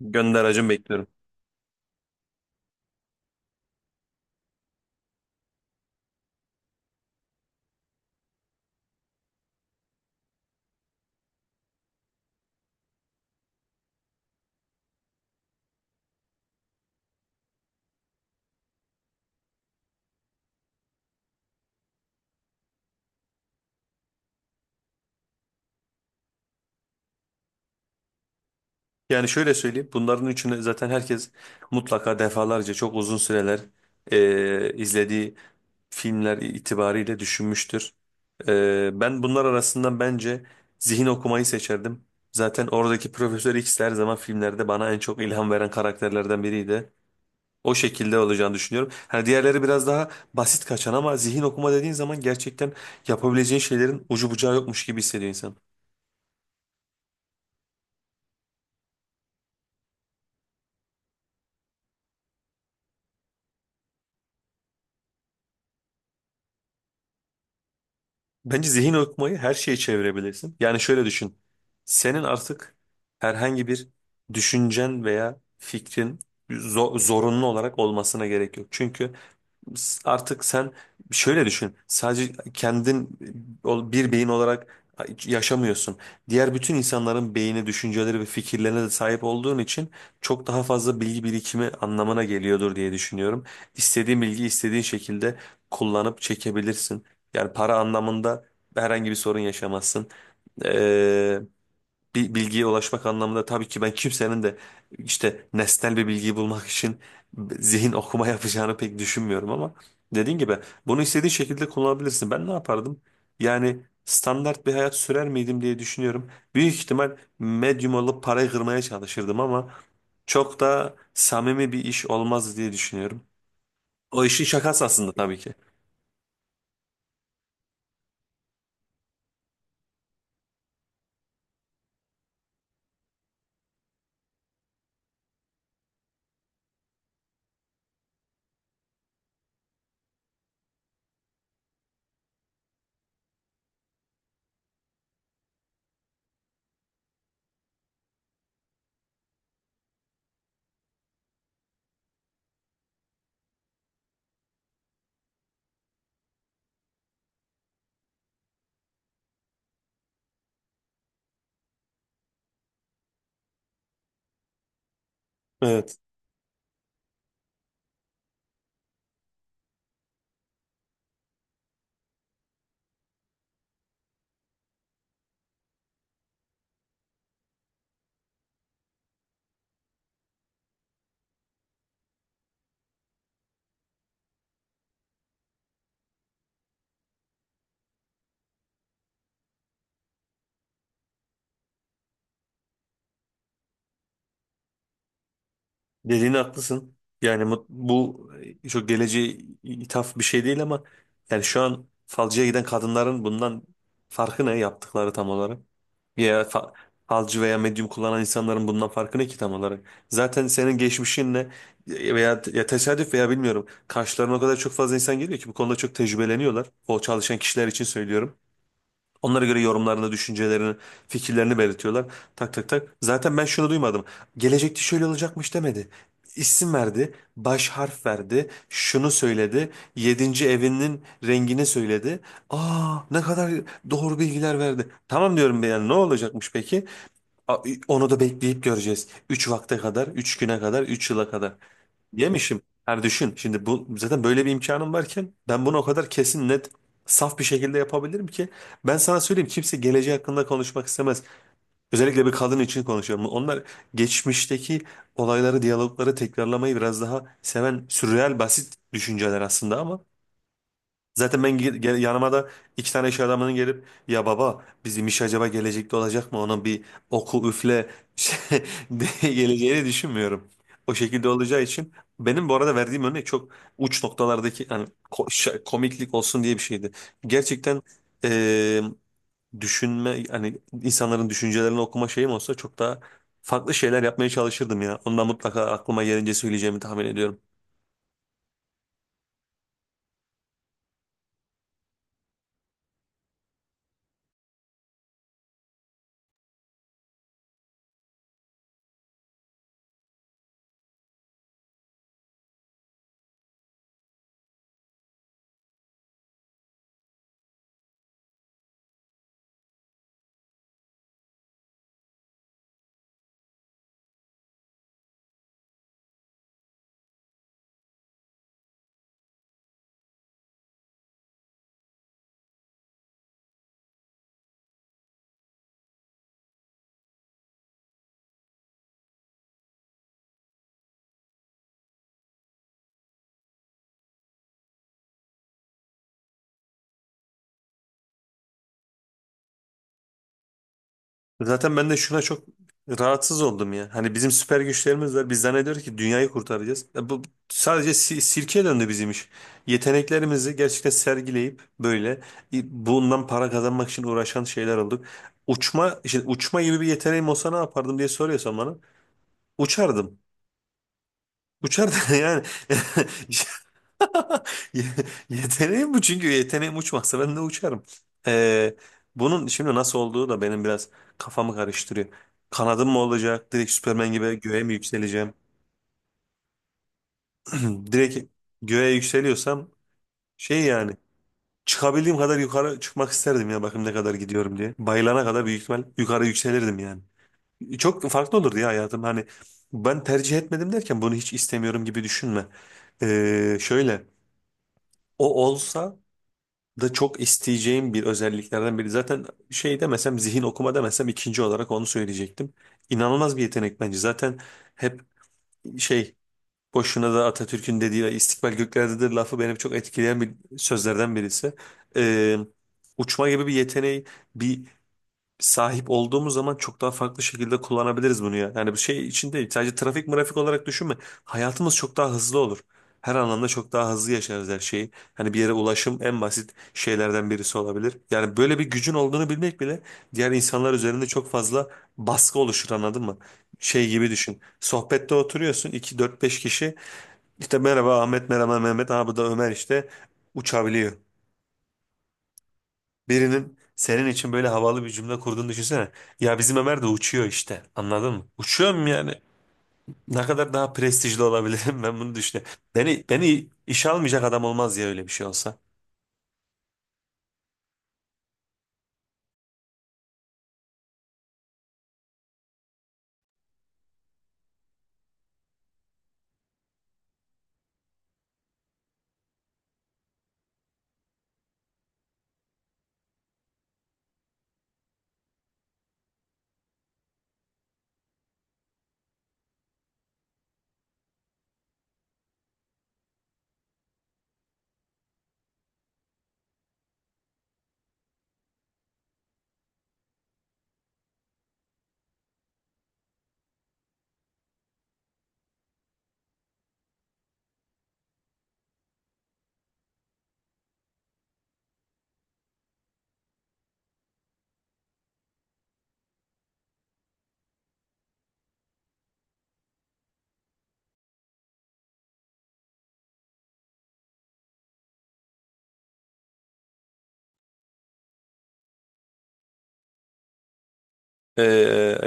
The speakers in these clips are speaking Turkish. Gönder hacım bekliyorum. Yani şöyle söyleyeyim. Bunların üçünü zaten herkes mutlaka defalarca çok uzun süreler izlediği filmler itibariyle düşünmüştür. Ben bunlar arasından bence zihin okumayı seçerdim. Zaten oradaki Profesör X her zaman filmlerde bana en çok ilham veren karakterlerden biriydi. O şekilde olacağını düşünüyorum. Hani diğerleri biraz daha basit kaçan ama zihin okuma dediğin zaman gerçekten yapabileceğin şeylerin ucu bucağı yokmuş gibi hissediyor insan. Bence zihin okumayı her şeye çevirebilirsin. Yani şöyle düşün. Senin artık herhangi bir düşüncen veya fikrin zorunlu olarak olmasına gerek yok. Çünkü artık sen şöyle düşün. Sadece kendin bir beyin olarak yaşamıyorsun. Diğer bütün insanların beyni, düşünceleri ve fikirlerine de sahip olduğun için çok daha fazla bilgi birikimi anlamına geliyordur diye düşünüyorum. İstediğin bilgiyi istediğin şekilde kullanıp çekebilirsin. Yani para anlamında herhangi bir sorun yaşamazsın, bir bilgiye ulaşmak anlamında. Tabii ki ben kimsenin de işte nesnel bir bilgiyi bulmak için zihin okuma yapacağını pek düşünmüyorum ama dediğin gibi bunu istediğin şekilde kullanabilirsin. Ben ne yapardım? Yani standart bir hayat sürer miydim diye düşünüyorum. Büyük ihtimal medyum olup parayı kırmaya çalışırdım ama çok da samimi bir iş olmaz diye düşünüyorum. O işin şakası aslında tabii ki. Evet. Dediğin haklısın. Yani çok geleceğe ithaf bir şey değil ama yani şu an falcıya giden kadınların bundan farkı ne yaptıkları tam olarak? Ya falcı veya medyum kullanan insanların bundan farkı ne ki tam olarak? Zaten senin geçmişinle veya ya tesadüf veya bilmiyorum, karşılarına o kadar çok fazla insan geliyor ki bu konuda çok tecrübeleniyorlar. O çalışan kişiler için söylüyorum. Onlara göre yorumlarını, düşüncelerini, fikirlerini belirtiyorlar. Tak tak tak. Zaten ben şunu duymadım. Gelecekte şöyle olacakmış demedi. İsim verdi, baş harf verdi, şunu söyledi, yedinci evinin rengini söyledi. Aa ne kadar doğru bilgiler verdi. Tamam diyorum ben, yani ne olacakmış peki? Onu da bekleyip göreceğiz. Üç vakte kadar, üç güne kadar, üç yıla kadar. Yemişim. Yani düşün şimdi, bu zaten böyle bir imkanım varken ben bunu o kadar kesin, net, saf bir şekilde yapabilirim ki ben sana söyleyeyim kimse geleceği hakkında konuşmak istemez. Özellikle bir kadın için konuşuyorum. Onlar geçmişteki olayları, diyalogları tekrarlamayı biraz daha seven sürreal basit düşünceler aslında ama zaten ben yanıma da iki tane iş adamının gelip ya baba bizim iş acaba gelecekte olacak mı? Onun bir oku üfle şey- geleceğini düşünmüyorum. O şekilde olacağı için, benim bu arada verdiğim örnek çok uç noktalardaki, yani komiklik olsun diye bir şeydi. Gerçekten eee, düşünme, hani insanların düşüncelerini okuma şeyim olsa çok daha farklı şeyler yapmaya çalışırdım ya. Ondan mutlaka aklıma gelince söyleyeceğimi tahmin ediyorum. Zaten ben de şuna çok rahatsız oldum ya. Hani bizim süper güçlerimiz var. Biz zannediyoruz ki dünyayı kurtaracağız. E bu sadece sirke döndü bizim iş. Yeteneklerimizi gerçekten sergileyip böyle bundan para kazanmak için uğraşan şeyler olduk. Uçma, işte uçma gibi bir yeteneğim olsa ne yapardım diye soruyorsan bana. Uçardım. Uçardım yani. Ye- Yeteneğim bu, çünkü yeteneğim uçmazsa ben de uçarım. Ee, Bunun şimdi nasıl olduğu da benim biraz kafamı karıştırıyor. Kanadım mı olacak? Direkt Superman gibi göğe mi yükseleceğim? Direkt göğe yükseliyorsam şey yani çıkabildiğim kadar yukarı çıkmak isterdim ya, bakayım ne kadar gidiyorum diye. Bayılana kadar büyük ihtimal yukarı yükselirdim yani. Çok farklı olurdu ya hayatım, hani ben tercih etmedim derken bunu hiç istemiyorum gibi düşünme. Şöyle, o olsa da çok isteyeceğim bir özelliklerden biri. Zaten şey demesem, zihin okuma demesem, ikinci olarak onu söyleyecektim. İnanılmaz bir yetenek bence. Zaten hep şey, boşuna da Atatürk'ün dediği istikbal göklerdedir lafı benim çok etkileyen bir sözlerden birisi. Ee, Uçma gibi bir yeteneği bir sahip olduğumuz zaman çok daha farklı şekilde kullanabiliriz bunu ya. Yani bu şey için değil. Sadece trafik mırafik olarak düşünme. Hayatımız çok daha hızlı olur. Her anlamda çok daha hızlı yaşarız her şeyi. Hani bir yere ulaşım en basit şeylerden birisi olabilir. Yani böyle bir gücün olduğunu bilmek bile diğer insanlar üzerinde çok fazla baskı oluşur, anladın mı? Şey gibi düşün. Sohbette oturuyorsun iki dört beş kişi. İşte merhaba Ahmet, merhaba Mehmet, ha bu da Ömer işte uçabiliyor. Birinin senin için böyle havalı bir cümle kurduğunu düşünsene. Ya bizim Ömer de uçuyor işte. Anladın mı? Uçuyorum yani. Ne kadar daha prestijli olabilirim ben bunu düşünüyorum. Beni işe almayacak adam olmaz ya öyle bir şey olsa. Ee,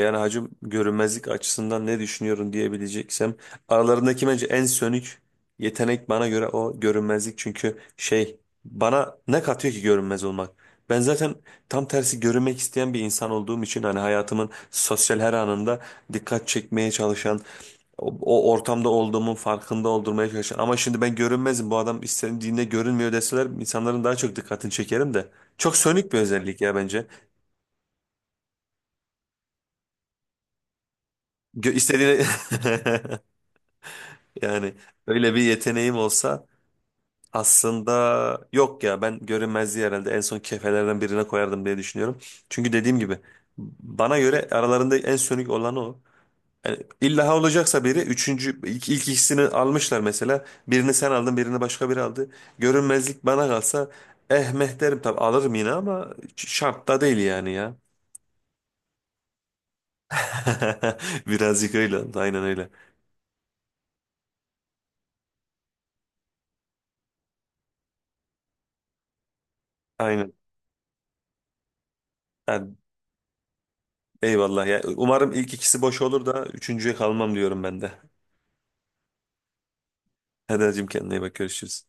Yani hacim, görünmezlik açısından ne düşünüyorum diyebileceksem, aralarındaki bence en sönük yetenek bana göre o, görünmezlik. Çünkü şey, bana ne katıyor ki görünmez olmak? Ben zaten tam tersi görünmek isteyen bir insan olduğum için, hani hayatımın sosyal her anında dikkat çekmeye çalışan, o ortamda olduğumun farkında oldurmaya çalışan, ama şimdi ben görünmezim, bu adam istediğinde görünmüyor deseler insanların daha çok dikkatini çekerim de, çok sönük bir özellik ya bence. Gö istediğine yani öyle bir yeteneğim olsa, aslında yok ya, ben görünmezliği herhalde en son kefelerden birine koyardım diye düşünüyorum. Çünkü dediğim gibi bana göre aralarında en sönük olan o. Yani illa olacaksa biri üçüncü, ilk ikisini almışlar mesela. Birini sen aldın, birini başka biri aldı. Görünmezlik bana kalsa eh meh derim, tabii alırım yine, ama şart da değil yani ya. Birazcık öyle oldu, aynen öyle. Aynen. Yani eyvallah ya. Umarım ilk ikisi boş olur da üçüncüye kalmam diyorum ben de. Hadi hacım kendine iyi bak, görüşürüz.